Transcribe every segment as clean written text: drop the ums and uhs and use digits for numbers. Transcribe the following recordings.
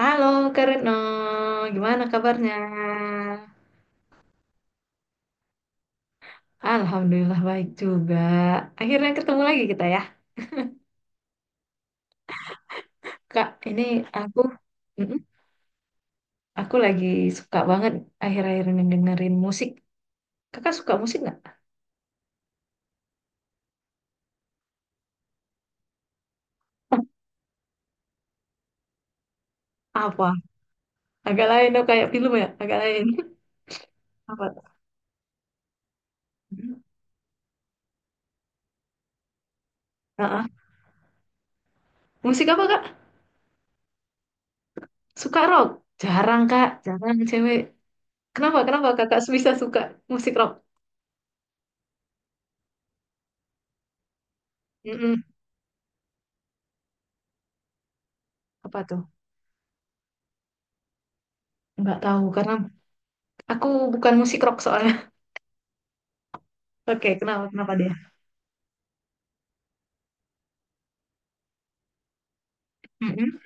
Halo Kak Retno, gimana kabarnya? Alhamdulillah baik juga. Akhirnya ketemu lagi kita ya. Kak, ini aku mm-mm, aku lagi suka banget akhir-akhir ini dengerin musik. Kakak suka musik nggak? Apa? Agak lain dong kayak film ya, agak lain. Apa tuh? Heeh. Musik apa Kak? Suka rock? Jarang Kak, jarang cewek. Kenapa? Kenapa Kakak bisa suka musik rock? Mm-mm. Apa tuh? Nggak tahu karena aku bukan musik rock soalnya. Oke, kenapa kenapa dia? Mm-mm.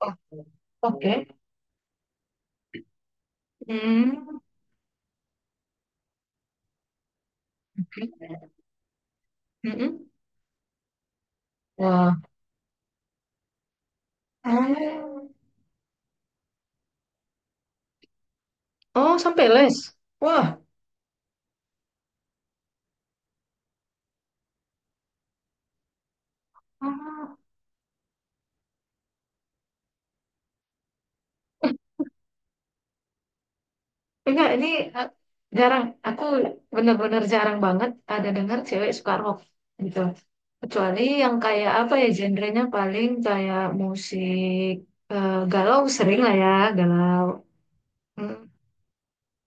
Oh, oke. Mm. Mm-mm. Wah. Oh, oh sampai les. Wah, oh, enggak ini, eh, jarang. Aku bener-bener jarang banget ada dengar cewek suka rock gitu. Kecuali yang kayak apa ya genrenya, paling kayak musik galau, sering lah ya galau. Hmm.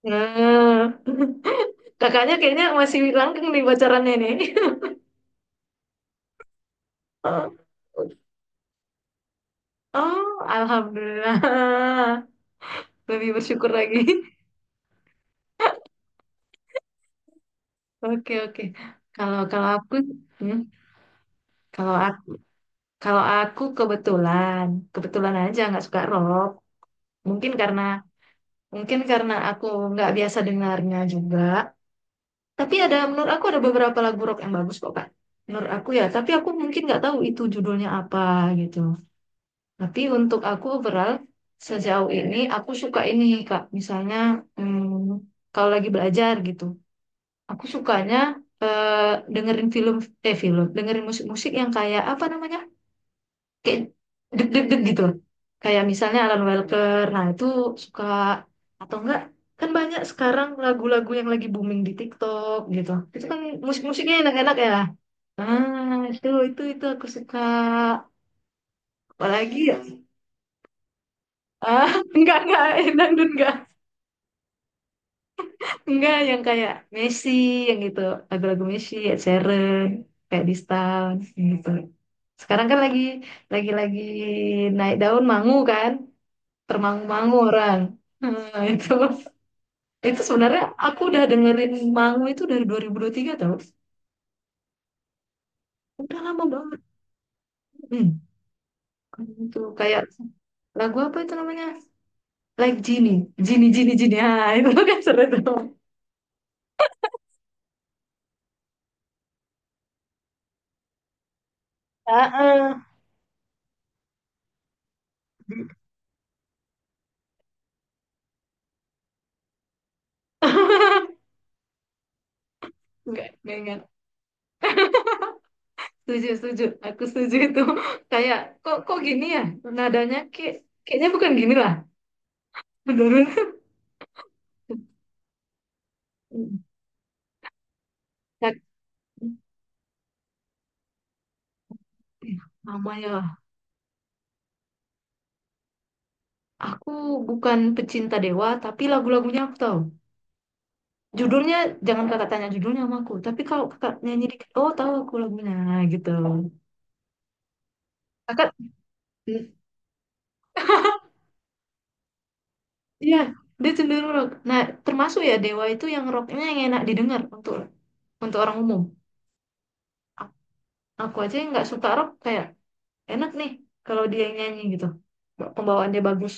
Nah, kakaknya kayaknya masih langgeng nih pacarannya nih. Oh, oh, alhamdulillah. Lebih bersyukur lagi. Oke, oke. Kalau kalau aku hmm, kalau aku kalau aku kebetulan, aja nggak suka rock. Mungkin karena mungkin karena aku nggak biasa dengarnya juga. Tapi ada, menurut aku ada beberapa lagu rock yang bagus kok, Kak. Menurut aku ya, tapi aku mungkin nggak tahu itu judulnya apa gitu. Tapi untuk aku overall, sejauh ini aku suka ini, Kak. Misalnya kalau lagi belajar gitu. Aku sukanya eh, dengerin film eh film, dengerin musik-musik yang kayak apa namanya? Kayak deg-deg-deg gitu loh. Kayak misalnya Alan Walker. Nah, itu suka atau enggak? Kan banyak sekarang lagu-lagu yang lagi booming di TikTok gitu. Itu kan musik-musiknya enak-enak ya. Ah, itu aku suka. Apalagi ya? Ah, enggak, enak enggak. Enggak yang kayak Messi yang gitu, lagu-lagu Messi, Ed Sheeran, kayak Distance gitu. Sekarang kan lagi naik daun mangu kan, termangu-mangu orang. Nah, itu sebenarnya aku udah dengerin mangu itu dari dua ribu tiga tau. Udah lama banget. Hmm, Kan itu kayak lagu apa itu namanya? Like Genie, Genie, Genie, Genie. Ah, itu kan seru tuh. Ah, ah. Enggak ingat. Setuju, setuju. Aku setuju itu. Kayak kok kok gini ya nadanya, kayaknya bukan gini lah. Bener-bener. Lama ya. Aku bukan pecinta Dewa, tapi lagu-lagunya aku tahu. Judulnya, jangan kakak tanya judulnya sama aku. Tapi kalau kakak nyanyi dikit, oh, tahu aku lagunya gitu. Kakak, iya, dia cenderung rock. Nah, termasuk ya Dewa itu, yang rocknya yang enak didengar untuk orang umum. A- Aku aja yang nggak suka rock kayak, enak nih kalau dia yang nyanyi gitu. Pembawaannya bagus.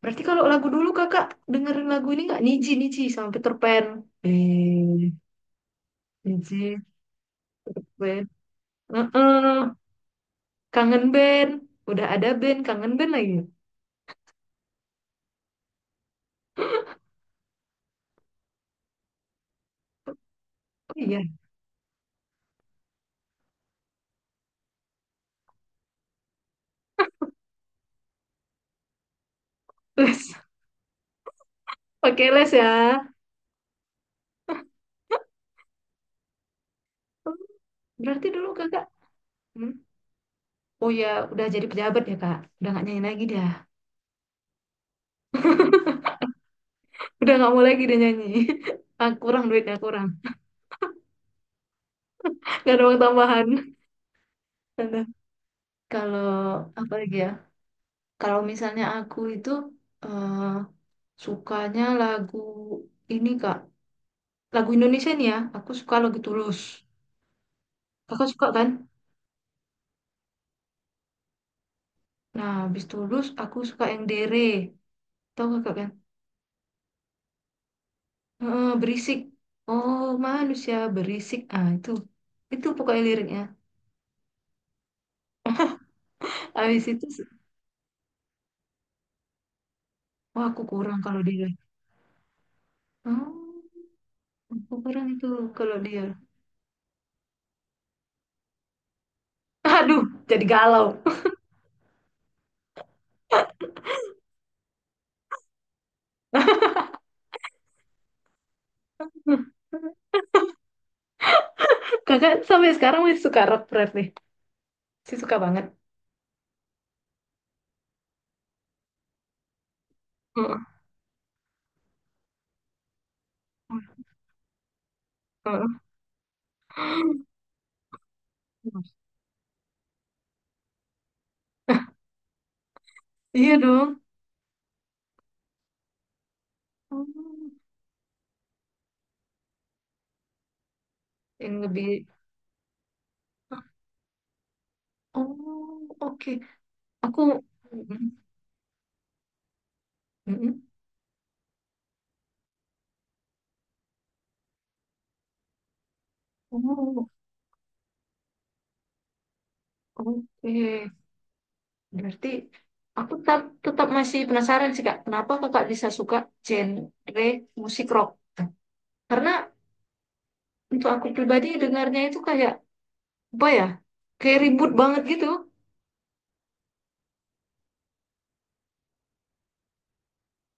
Berarti kalau lagu dulu kakak dengerin lagu ini nggak? Niji Niji sama Peter Pan. Eh, Niji. Heeh, kangen band. Udah ada band, kangen band lagi. Oh iya, les. Oke, les ya. Berarti dulu kakak, hmm? Oh ya, udah jadi pejabat ya kak. Udah nggak nyanyi lagi dah. Udah nggak mau lagi dia nyanyi. Ah, kurang, duitnya kurang. Nggak ada uang tambahan. Aduh. Kalau apa lagi ya? Kalau misalnya aku itu eh, sukanya lagu ini kak. Lagu Indonesia nih ya. Aku suka lagu Tulus. Kakak suka kan? Nah, habis Tulus aku suka yang Dere. Tahu kakak kan? Heeh, berisik. Oh, manusia berisik. Ah, itu. Itu pokoknya liriknya. Habis itu, wah, aku kurang kalau dia. Oh, aku kurang itu kalau dia. Aduh, jadi galau. Kakak sampai sekarang masih suka rock rap nih. Masih suka banget. Heeh, heeh. Iya dong. Oh, yang lebih. Oh, oke. Aku. Mm, mm, mm. Oh, oke. Berarti aku tetap masih penasaran sih Kak, kenapa Kakak bisa suka genre musik rock? Karena untuk aku pribadi dengarnya itu kayak apa ya? Kayak ribut banget gitu.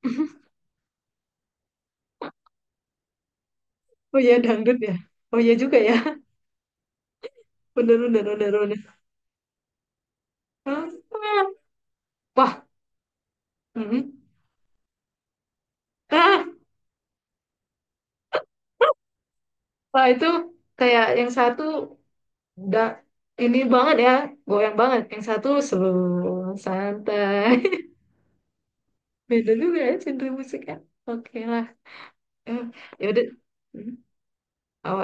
Oh iya, dangdut ya. Oh iya juga ya. Bener bener bener bener. Ah, ah. Wah. Mm. Ah, wah, itu kayak yang satu udah ini banget ya, goyang banget. Yang satu slow, santai. Beda juga ya genre musiknya. Oke lah. Eh, ya udah. Hmm, apa?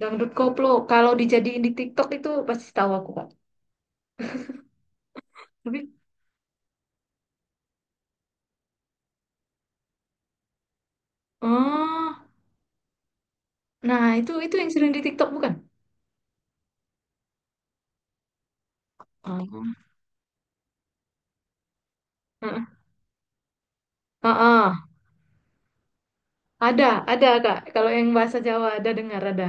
Dangdut koplo. Kalau dijadiin di TikTok itu pasti tahu aku, Kak. Tapi oh, nah itu yang sering di TikTok bukan? Oh. Heeh. Heeh. Ada, ada Kak. Kalau yang bahasa Jawa ada dengar ada.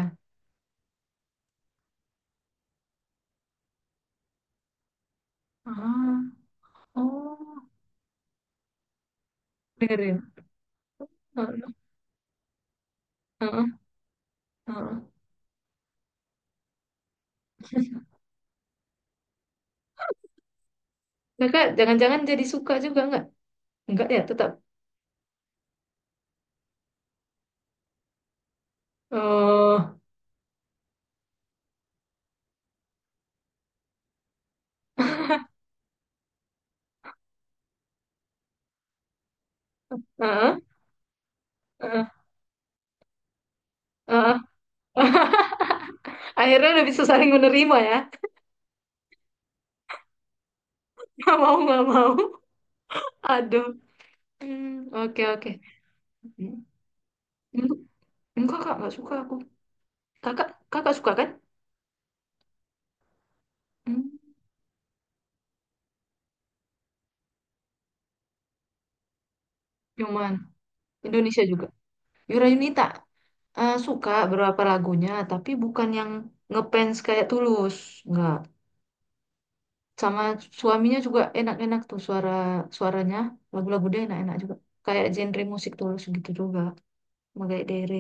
Ah, oh, dengerin. Heeh. Heeh. Heeh. Kakak jangan-jangan jadi suka juga nggak? Enggak ya, tetap. Oh. Heeh. Heeh. Heeh. Akhirnya udah bisa saling menerima ya. Mau nggak mau. Aduh. Hmm, oke oke. Hmm, Enggak kak, nggak suka aku. Kakak, kakak suka kan? Hmm, Cuman Indonesia juga. Yura Yunita, suka beberapa lagunya, tapi bukan yang ngefans kayak Tulus, enggak. Sama suaminya juga enak-enak tuh suaranya, lagu-lagu dia enak-enak juga. Kayak genre musik Tulus gitu juga, Magai Dere.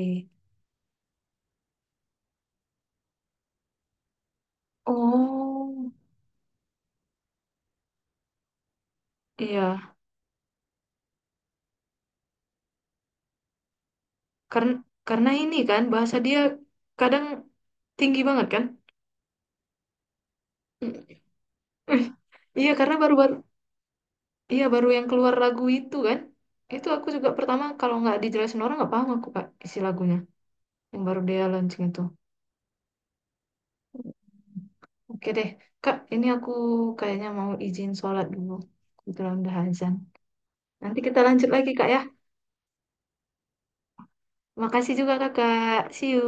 Oh, iya. Karena karena ini kan bahasa dia kadang tinggi banget kan? Iya, karena baru-baru, iya, baru yang keluar lagu itu kan. Itu aku juga pertama, kalau nggak dijelasin orang nggak paham aku Kak isi lagunya. Yang baru dia launching itu. Oke deh Kak, ini aku kayaknya mau izin sholat dulu. Kebetulan udah azan. Nanti kita lanjut lagi Kak ya. Makasih juga Kakak. See you.